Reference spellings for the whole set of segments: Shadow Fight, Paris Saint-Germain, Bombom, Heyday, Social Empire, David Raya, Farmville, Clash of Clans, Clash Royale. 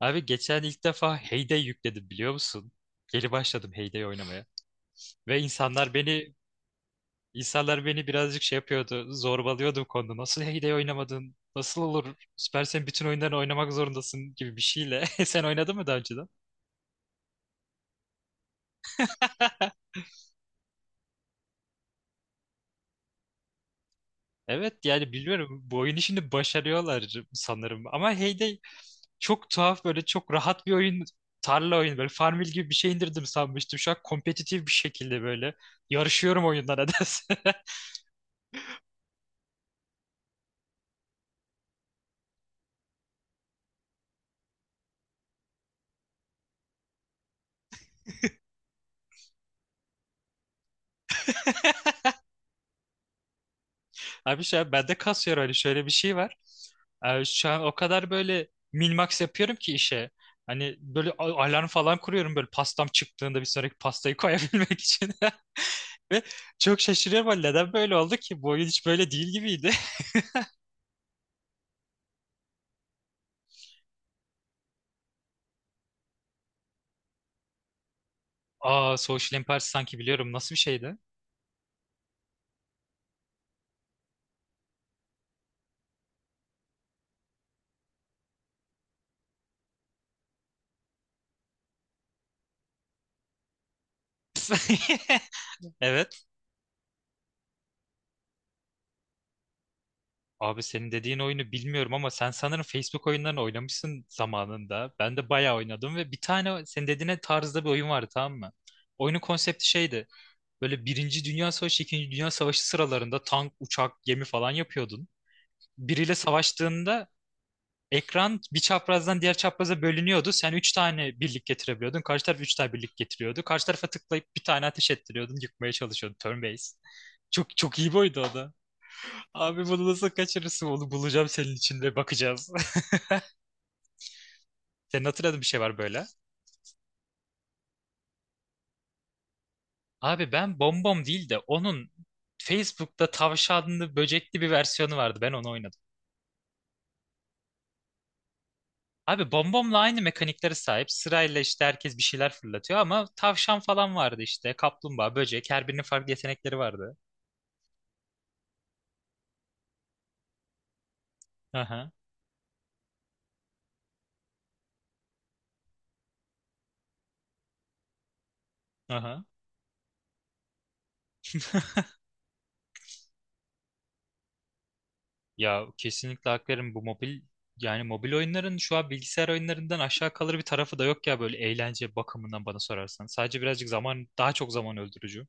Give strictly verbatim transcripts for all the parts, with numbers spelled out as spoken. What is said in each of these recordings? Abi geçen ilk defa Heyday yükledim biliyor musun? Geri başladım Heyday oynamaya. Ve insanlar beni insanlar beni birazcık şey yapıyordu. Zorbalıyordu bu konuda. Nasıl Heyday oynamadın? Nasıl olur? Süper, sen bütün oyunlarını oynamak zorundasın gibi bir şeyle. Sen oynadın mı daha önceden? Evet, yani biliyorum bu oyunu şimdi başarıyorlar sanırım. Ama Heyday çok tuhaf, böyle çok rahat bir oyun. Tarla oyunu, böyle Farmville gibi bir şey indirdim sanmıştım. Şu an kompetitif bir şekilde böyle yarışıyorum oyunlara nedense. Abi şu an bende kasıyor yer, hani şöyle bir şey var. Abi şu an o kadar böyle min-max yapıyorum ki işe. Hani böyle a- alarm falan kuruyorum, böyle pastam çıktığında bir sonraki pastayı koyabilmek için. Ve çok şaşırıyorum, hani neden böyle oldu ki? Bu oyun hiç böyle değil gibiydi. Aa, Social Empire sanki biliyorum. Nasıl bir şeydi? Evet. Abi senin dediğin oyunu bilmiyorum ama sen sanırım Facebook oyunlarını oynamışsın zamanında. Ben de bayağı oynadım ve bir tane senin dediğine tarzda bir oyun vardı, tamam mı? Oyunun konsepti şeydi. Böyle Birinci Dünya Savaşı, İkinci Dünya Savaşı sıralarında tank, uçak, gemi falan yapıyordun. Biriyle savaştığında ekran bir çaprazdan diğer çapraza bölünüyordu. Sen üç tane birlik getirebiliyordun. Karşı taraf üç tane birlik getiriyordu. Karşı tarafa tıklayıp bir tane ateş ettiriyordun. Yıkmaya çalışıyordun. Turn based. Çok çok iyi bir oydu o da. Abi bunu nasıl kaçırırsın? Onu bulacağım senin için ve bakacağız. Senin hatırladığın bir şey var böyle. Abi ben Bombom değil de onun Facebook'ta tavşanlı böcekli bir versiyonu vardı. Ben onu oynadım. Abi Bombom'la aynı mekaniklere sahip. Sırayla işte herkes bir şeyler fırlatıyor ama tavşan falan vardı işte. Kaplumbağa, böcek. Her birinin farklı yetenekleri vardı. Aha, aha. Ya kesinlikle hak veririm. Bu mobil yani mobil oyunların şu an bilgisayar oyunlarından aşağı kalır bir tarafı da yok ya, böyle eğlence bakımından bana sorarsan. Sadece birazcık zaman, daha çok zaman öldürücü.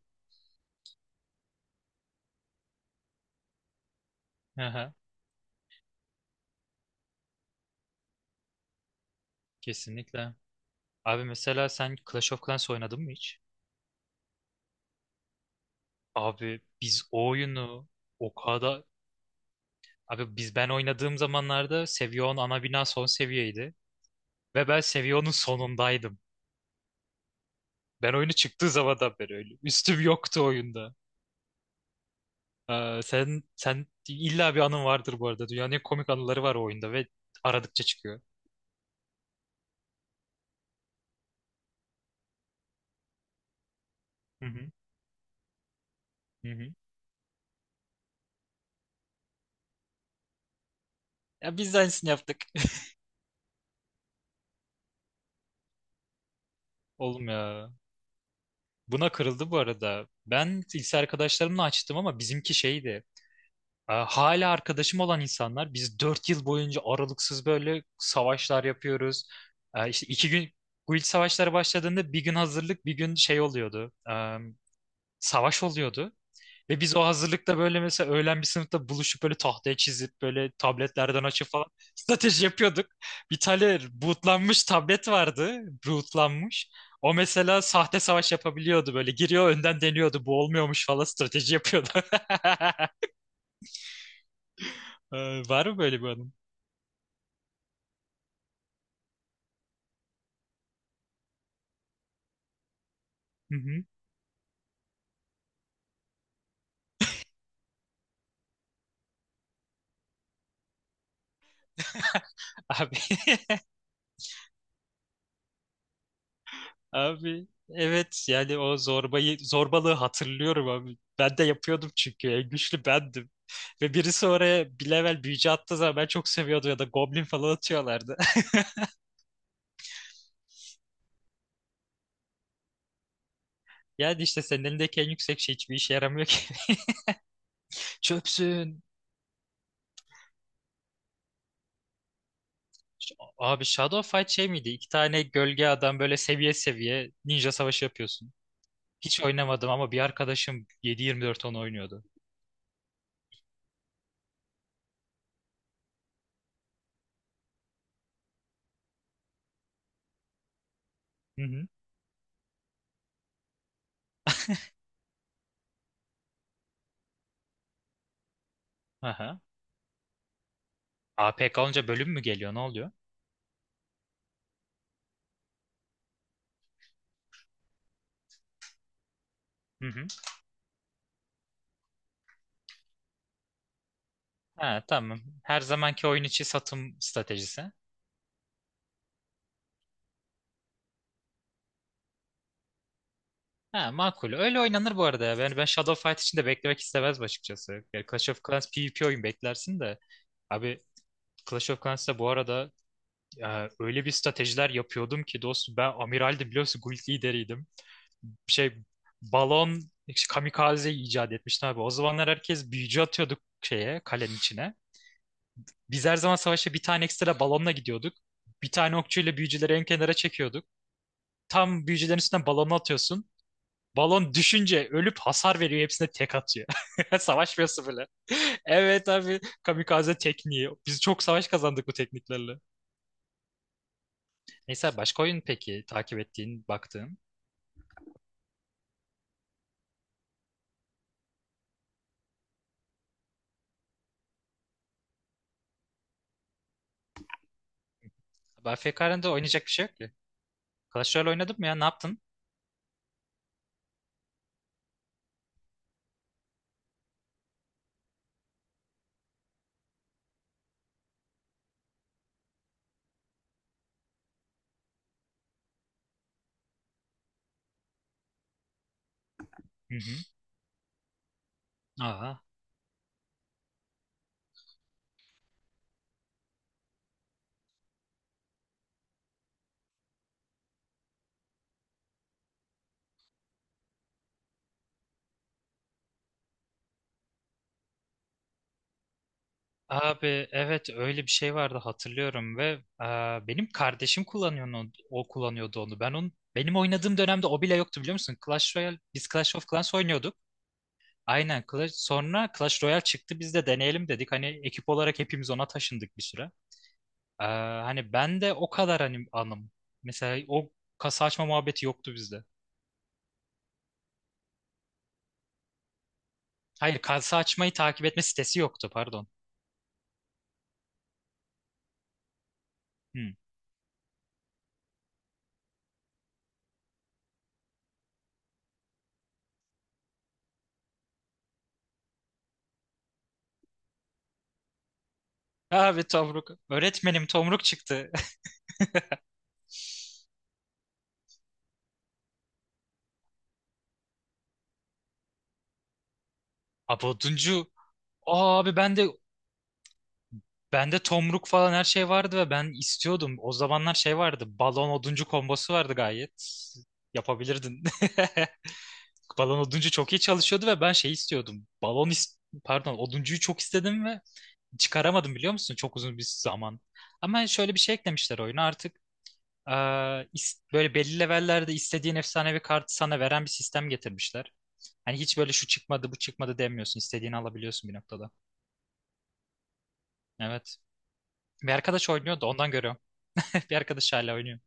Aha, kesinlikle. Abi mesela sen Clash of Clans oynadın mı hiç? Abi biz o oyunu o kadar Abi biz ben oynadığım zamanlarda Seviyon ana bina son seviyeydi. Ve ben Seviyon'un sonundaydım. Ben oyunu çıktığı zamandan beri öyle. Üstüm yoktu oyunda. Ee, sen sen illa bir anın vardır bu arada. Dünyanın en komik anıları var o oyunda ve aradıkça çıkıyor. Hı hı. Hı hı. Ya biz de aynısını yaptık. Oğlum ya. Buna kırıldı bu arada. Ben lise arkadaşlarımla açtım ama bizimki şeydi. E, hala arkadaşım olan insanlar, biz dört yıl boyunca aralıksız böyle savaşlar yapıyoruz. E, İşte iki gün guild savaşları başladığında bir gün hazırlık, bir gün şey oluyordu. E, savaş oluyordu. Ve biz o hazırlıkta böyle mesela öğlen bir sınıfta buluşup böyle tahtaya çizip böyle tabletlerden açıp falan strateji yapıyorduk. Bir tane bootlanmış tablet vardı. Bootlanmış. O mesela sahte savaş yapabiliyordu böyle. Giriyor önden deniyordu. Bu olmuyormuş falan strateji yapıyordu. E, var mı böyle bir anın? Hı hı. Abi, abi evet, yani o zorbayı zorbalığı hatırlıyorum abi. Ben de yapıyordum çünkü en güçlü bendim. Ve birisi oraya bir level büyücü attığı zaman ben çok seviyordum, ya da goblin falan atıyorlardı. Yani işte senin elindeki en yüksek şey hiçbir işe yaramıyor ki. Çöpsün. Abi Shadow Fight şey miydi? İki tane gölge adam, böyle seviye seviye ninja savaşı yapıyorsun. Hiç oynamadım ama bir arkadaşım yedi yirmi dört onu oynuyordu. Hı hı. Aha. A P K olunca bölüm mü geliyor? Ne oluyor? Hı hı. Ha, tamam. Her zamanki oyun içi satım stratejisi. Ha, makul. Öyle oynanır bu arada ya. Ben, ben Shadow Fight için de beklemek istemezdim açıkçası. Yani Clash of Clans PvP oyun, beklersin de. Abi Clash of Clans'ta bu arada, e, öyle bir stratejiler yapıyordum ki dostum, ben amiraldim, biliyorsun, guild lideriydim. Şey, balon işte, kamikaze icat etmiştim abi. O zamanlar herkes büyücü atıyorduk şeye, kalenin içine. Biz her zaman savaşa bir tane ekstra balonla gidiyorduk. Bir tane okçuyla büyücüleri en kenara çekiyorduk. Tam büyücülerin üstünden balonu atıyorsun. Balon düşünce ölüp hasar veriyor. Hepsine tek atıyor. Savaşmıyorsun bile. Evet abi. Kamikaze tekniği. Biz çok savaş kazandık bu tekniklerle. Neyse, başka oyun peki takip ettiğin, baktığın. A F K'da oynayacak bir şey yok ki. Clash Royale oynadın mı ya? Ne yaptın? Hı hı. Aa. Abi evet öyle bir şey vardı, hatırlıyorum ve aa, benim kardeşim kullanıyor onu, o kullanıyordu onu. Ben onun, benim oynadığım dönemde o bile yoktu biliyor musun? Clash Royale, biz Clash of Clans oynuyorduk. Aynen Clash. Sonra Clash Royale çıktı, biz de deneyelim dedik. Hani ekip olarak hepimiz ona taşındık bir süre. Ee, hani ben de o kadar hani anım. Mesela o kasa açma muhabbeti yoktu bizde. Hayır, kasa açmayı takip etme sitesi yoktu, pardon. Hmm. Abi Tomruk. Öğretmenim Tomruk çıktı. Aboduncu. Aa, Abi ben de bende Tomruk falan her şey vardı ve ben istiyordum. O zamanlar şey vardı. Balon oduncu kombosu vardı gayet. Yapabilirdin. Balon oduncu çok iyi çalışıyordu ve ben şey istiyordum. Balon is- pardon, oduncuyu çok istedim ve çıkaramadım biliyor musun? Çok uzun bir zaman. Ama şöyle bir şey eklemişler oyuna artık. Ee, is- böyle belli levellerde istediğin efsanevi kartı sana veren bir sistem getirmişler. Hani hiç böyle şu çıkmadı bu çıkmadı demiyorsun. İstediğini alabiliyorsun bir noktada. Evet. Bir arkadaş oynuyordu, ondan görüyorum. Bir arkadaş hala oynuyor.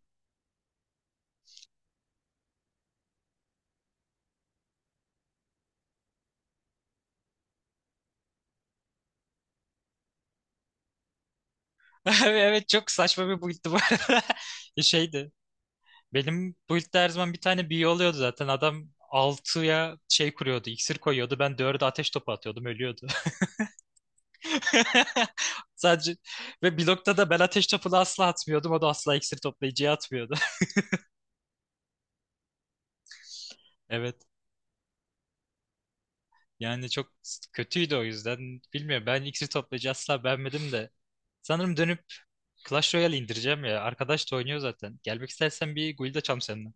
Evet, çok saçma bir build'di bu arada. Şeydi. Benim build'de her zaman bir tane büyü oluyordu zaten. Adam altıya şey kuruyordu, iksir koyuyordu. Ben dörde ateş topu atıyordum, ölüyordu. Sadece ve blokta da ben ateş topunu asla atmıyordum. O da asla iksir toplayıcıya atmıyordu. Evet. Yani çok s- kötüydü o yüzden. Bilmiyorum, ben iksir toplayıcı asla beğenmedim de. Sanırım dönüp Clash Royale indireceğim ya. Arkadaş da oynuyor zaten. Gelmek istersen bir guild açalım seninle.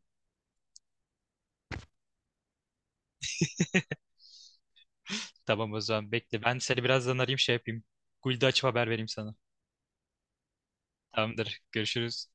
Tamam o zaman, bekle. Ben seni birazdan arayayım, şey yapayım. Guild'i açıp haber vereyim sana. Tamamdır. Görüşürüz.